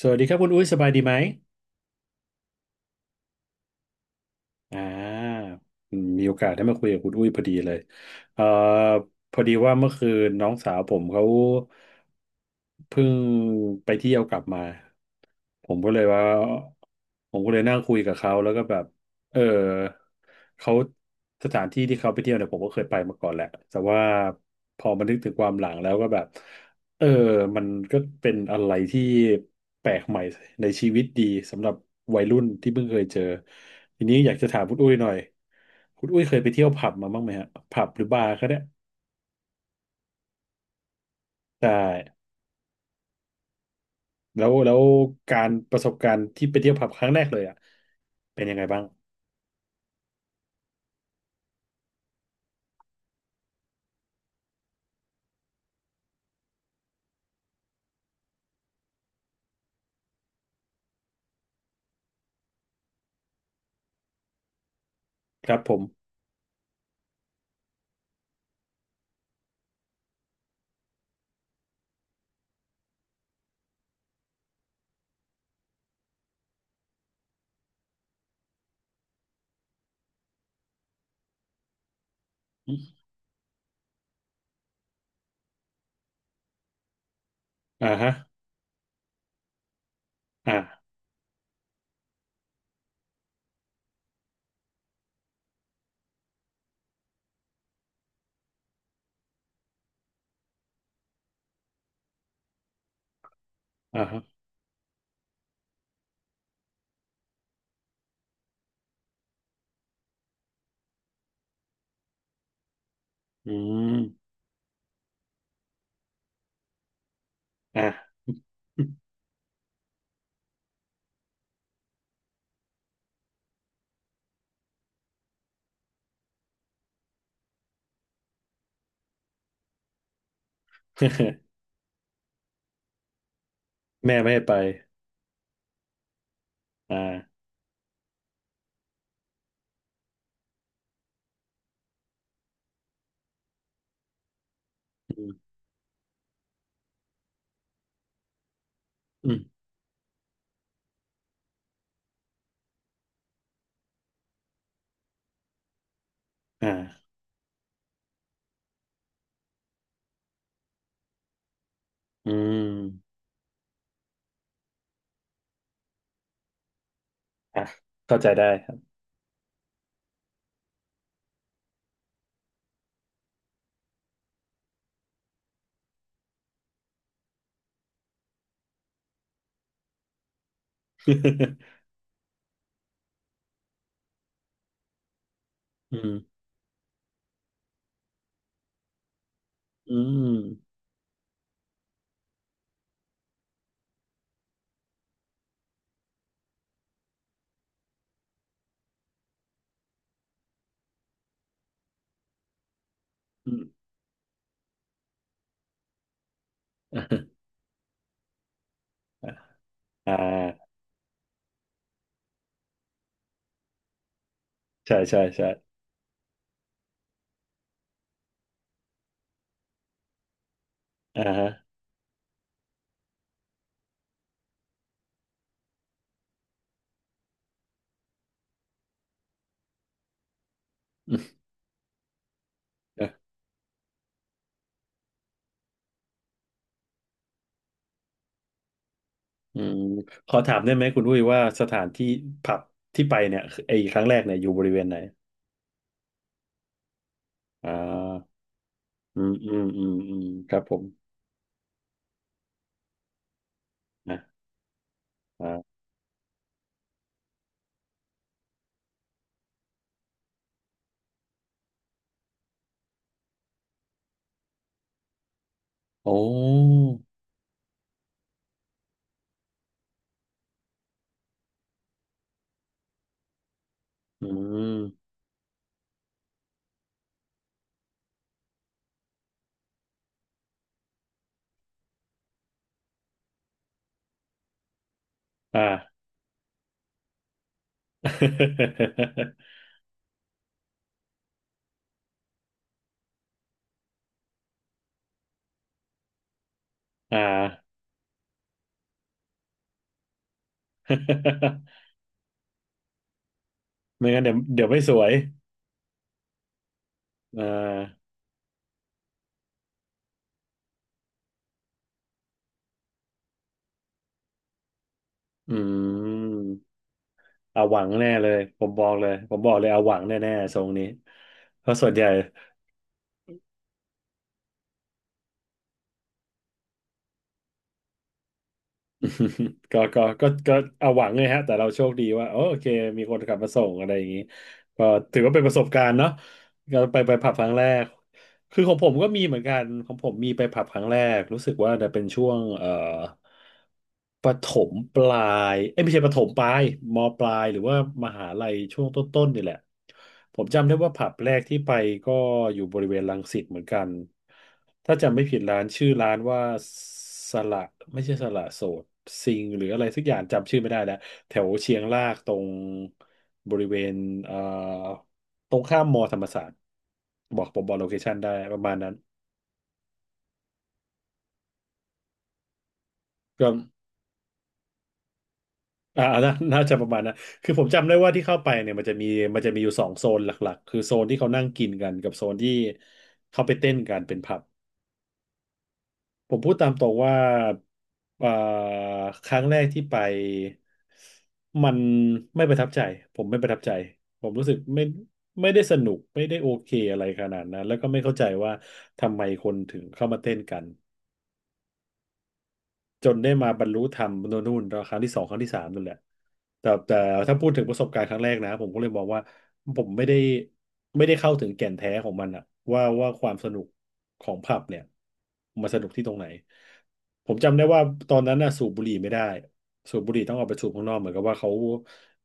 สวัสดีครับคุณอุ้ยสบายดีไหม อ่ามีโอกาสได้มาคุยกับคุณอุ้ยพอดีเลย เอ่อ พอดีว่าเมื่อคืนน้องสาวผมเขาเพิ่งไปเที่ยวกลับมา ผมก็เลยว่าผมก็เลยนั่งคุยกับเขาแล้วก็แบบเออเขาสถานที่ที่เขาไปเที่ยวเนี่ยผมก็เคยไปมาก่อนแหละแต่ว่าพอมานึกถึงความหลังแล้วก็แบบเออมันก็เป็นอะไรที่แปลกใหม่ในชีวิตดีสำหรับวัยรุ่นที่เพิ่งเคยเจอทีนี้อยากจะถามคุณอุ้ยหน่อยคุณอุ้ยเคยไปเที่ยวผับมาบ้างไหมฮะผับหรือบาร์ก็ได้ใช่แล้วการประสบการณ์ที่ไปเที่ยวผับครั้งแรกเลยอ่ะเป็นยังไงบ้างครับผม อ่าฮะอ่าอ่าฮะอืมอ่า แม่ไม่ให้ไปอ่าอืมอืมอ่าอืมอ่ะเข้าใจได้ครับ อืมอืมอืมอ่าใช่ใช่ใช่อ่าฮะอืมอืมขอถามได้ไหมคุณอุ้ยว่าสถานที่ผับที่ไปเนี่ยไอ้ครั้งแรกเนี่ยอยู่บริเวณไหนอ่าอืมอืมอืมอืมครับผมนะอ่าโอ้อืมอ่า อ่า ไม่งั้นเดี๋ยวไม่สวยอ่าอืมเอาหวังแน่เลยผมบอกเลยผมบอกเลยเอาหวังแน่ๆทรงนี้เพราะส่วนใหญ่ ก็เอาหวังเลยฮะแต่เราโชคดีว่าโอเคมีคนขับมาส่งอะไรอย่างนี้ก็ถือว่าเป็นประสบการณ์เนาะก็ไปผับครั้งแรก คือของผมก็มีเหมือนกันของผมมีไปผับครั้งแรกรู้สึกว่าจะเป็นช่วงประถมปลายเอ้ยไม่ใช่ประถมปลายมปลายหรือว่ามหาลัยช่วงต้นๆนี่แหละผมจำได้ว่าผับแรกที่ไปก็อยู่บริเวณรังสิตเหมือนกันถ้าจำไม่ผิดร้านชื่อร้านว่าสละไม่ใช่สละโสดซิงหรืออะไรสักอย่างจำชื่อไม่ได้แล้วแถวเชียงรากตรงบริเวณเอ่อ ตรงข้ามมอธรรมศาสตร์บอกผมบอกโลเคชันได้ประมาณนั้นก็น่าจะประมาณนั้นคือผมจำได้ว่าที่เข้าไปเนี่ยมันจะมีอยู่สองโซนหลักๆคือโซนที่เขานั่งกินกันกับโซนที่เขาไปเต้นกันเป็นผับผมพูดตามตรงว่าอ่าครั้งแรกที่ไปมันไม่ประทับใจผมไม่ประทับใจผมรู้สึกไม่ได้สนุกไม่ได้โอเคอะไรขนาดนั้นแล้วก็ไม่เข้าใจว่าทำไมคนถึงเข้ามาเต้นกัน จนได้มาบรรลุธรรมโน่นนู่นครั้งที่สองครั้งที่สามนั่นแหละแต่ถ้าพูดถึงประสบการณ์ครั้งแรกนะผมก็เลยมองว่าผมไม่ได้เข้าถึงแก่นแท้ของมันอะว่าความสนุกของผับเนี่ยมันสนุกที่ตรงไหนผมจำได้ว่าตอนนั้นน่ะสูบบุหรี่ไม่ได้สูบบุหรี่ต้องออกไปสูบข้างนอกเหมือนกับว่าเขา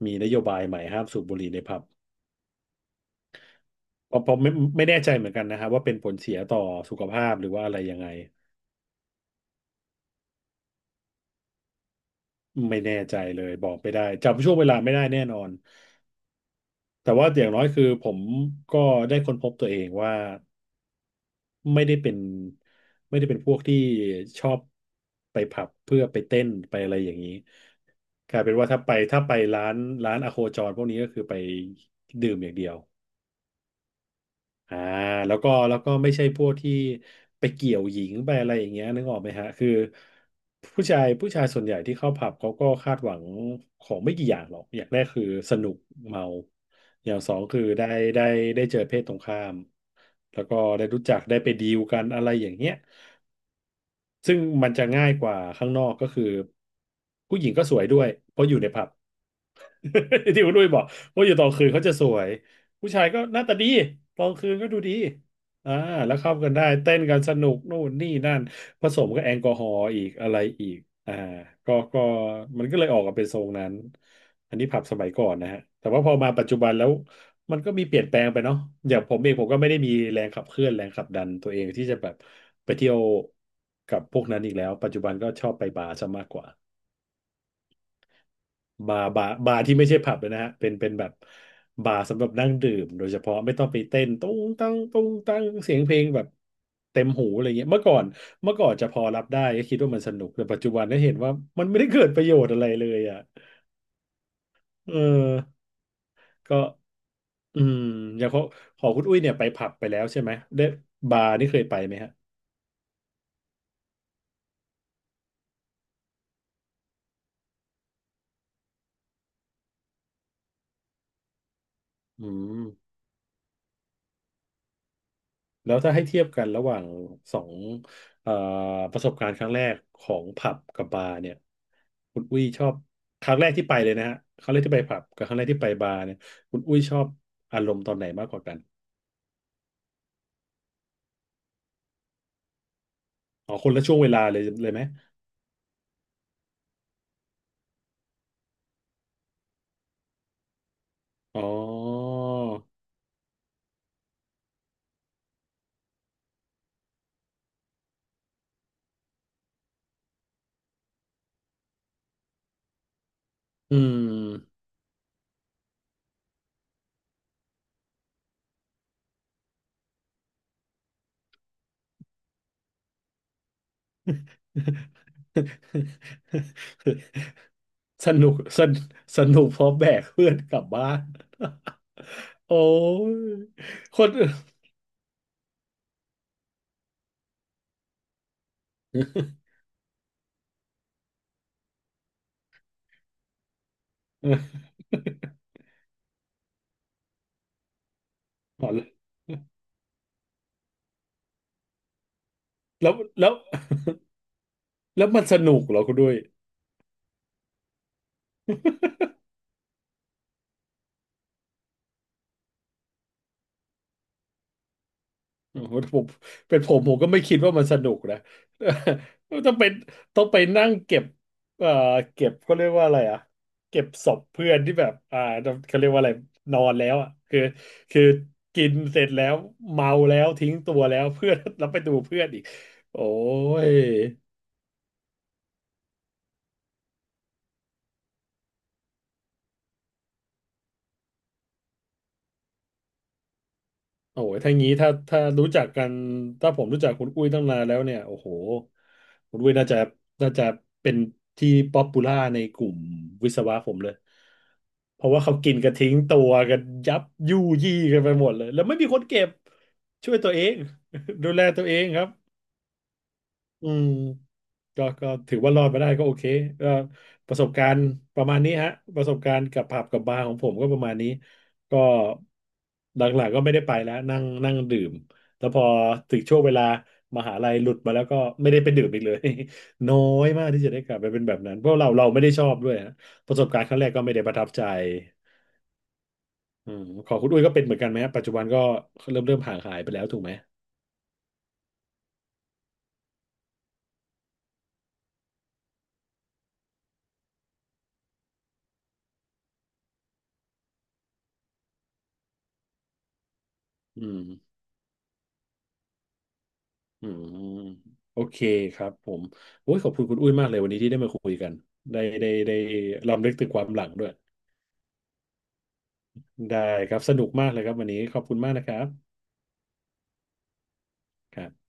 มีนโยบายใหม่ห้ามสูบบุหรี่ในผับเพราะไม่แน่ใจเหมือนกันนะครับว่าเป็นผลเสียต่อสุขภาพหรือว่าอะไรยังไงไม่แน่ใจเลยบอกไม่ได้จำช่วงเวลาไม่ได้แน่นอน แต่ว่าอย่างน้อยคือผมก็ได้ค้นพบตัวเองว่าไม่ได้เป็นไม่ได้เป็นพวกที่ชอบไปผับเพื่อไปเต้นไปอะไรอย่างนี้กลายเป็นว่าถ้าไปร้านอโคจรพวกนี้ก็คือไปดื่มอย่างเดียว อ่าแล้วก็ไม่ใช่พวกที่ไปเกี่ยวหญิงไปอะไรอย่างเงี้ยนึกออกไหมฮะคือผู้ชายส่วนใหญ่ที่เข้าผับเขาก็คาดหวังของไม่กี่อย่างหรอกอย่างแรกคือสนุกเมาอย่างสองคือได้ได้เจอเพศตรงข้ามแล้วก็ได้รู้จักได้ไปดีลกันอะไรอย่างเงี้ยซึ่งมันจะง่ายกว่าข้างนอกก็คือผู้หญิงก็สวยด้วยเพราะอยู่ในผับ ที่คุณลุยบอกว่าอยู่ตอนคืนเขาจะสวยผู้ชายก็หน้าตาดีตอนคืนก็ดูดีอ่าแล้วเข้ากันได้เต้นกันสนุกนู่นนี่นั่นผสมกับแอลกอฮอล์อีกอะไรอีกอ่าก็มันก็เลยออกมาเป็นทรงนั้นอันนี้ผับสมัยก่อนนะฮะแต่ว่าพอมาปัจจุบันแล้วมันก็มีเปลี่ยนแปลงไปเนาะอย่างผมเองผมก็ไม่ได้มีแรงขับเคลื่อนแรงขับดันตัวเองที่จะแบบไปเที่ยวกับพวกนั้นอีกแล้วปัจจุบันก็ชอบไปบาร์ซะมากกว่า บาร์บาร์บาร์ที่ไม่ใช่ผับเลยนะฮะเป็นแบบบาร์สำหรับนั่งดื่มโดยเฉพาะไม่ต้องไปเต้นตุ้งตั้งตุ้งตั้งเสียงเพลงแบบเต็มหูอะไรเงี้ยเมื่อก่อนจะพอรับได้ก็คิดว่ามันสนุกแต่ปัจจุบันได้เห็นว่ามันไม่ได้เกิดประโยชน์อะไรเลยอ่ะเออก็อืมอย่างของคุณอุ้ยเนี่ยไปผับไปแล้วใช่ไหมได้บาร์นี่เคยไปไหมฮะอืม แล้วถ้าให้เทียบกันระหว่างสองเอ่อประสบการณ์ครั้งแรกของผับกับบาร์เนี่ยคุณอุ้ยชอบครั้งแรกที่ไปเลยนะฮะครั้งแรกที่ไปผับกับครั้งแรกที่ไปบาร์เนี่ยคุณอุ้ยชอบอารมณ์ตอนไหนมากกว่ากันอ๋อคนละช่วงเวลาเลยไหมอ๋ออืม สนุกสนสนุกเพราะแบกเพื่อนกลับบ้าน โอ้ยคน อ๋อ แล้วแล้วแล้วมันสนุกเหรอคุณด้วยโอ้โห ผมเป็นผมก็ไม่คิดว่ามันสนุกนะ ต้องไปนต้องไปนั่งเก็บเอ่อเก็บเขาเรียกว่าอะไรอ่ะเก็บศพเพื่อนที่แบบอ่าเขาเรียกว่าอะไรนอนแล้วอ่ะคือคือกินเสร็จแล้วเมาแล้วทิ้งตัวแล้ว เพื่อนแล้วไปดูเพื่อนอีกโอ้ย โอ้ยถ้างี้ถ้ารู้จักกัน ถ้าผมรู้จักคุณอุ้ยตั้งนานแล้วเนี่ย โอ้โห คุณอุ้ยน่าจะเป็นที่ป๊อปปูล่าในกลุ่มวิศวะผมเลย เพราะว่าเขากินกันทิ้งตัวกันยับยู่ยี่กันไปหมดเลย แล้วไม่มีคนเก็บช่วยตัวเอง ดูแลตัวเองครับ อืมก็ถือว่ารอดมาได้ก็โอเคก็ประสบการณ์ประมาณนี้ฮะประสบการณ์กับผับกับบาร์ของผมก็ประมาณนี้ก็หลังๆก็ไม่ได้ไปแล้วนั่งนั่งดื่มแล้วพอถึงช่วงเวลามหาลัยหลุดมาแล้วก็ไม่ได้ไปดื่มอีกเลย น้อยมากที่จะได้กลับไปเป็นแบบนั้นเพราะเราไม่ได้ชอบด้วยฮะประสบการณ์ครั้งแรกก็ไม่ได้ประทับใจอืมของคุณอุ้ยก็เป็นเหมือนกันไหมฮะปัจจุบันก็เริ่มห่างหายไปแล้วถูกไหมอืม อืมโอเคครับผมโอ้ยขอบคุณคุณอุ้ยมากเลยวันนี้ที่ได้มาคุยกันได้ได้ได้รำลึกถึงความหลังด้วยได้ครับสนุกมากเลยครับวันนี้ขอบคุณมากนะครับครับ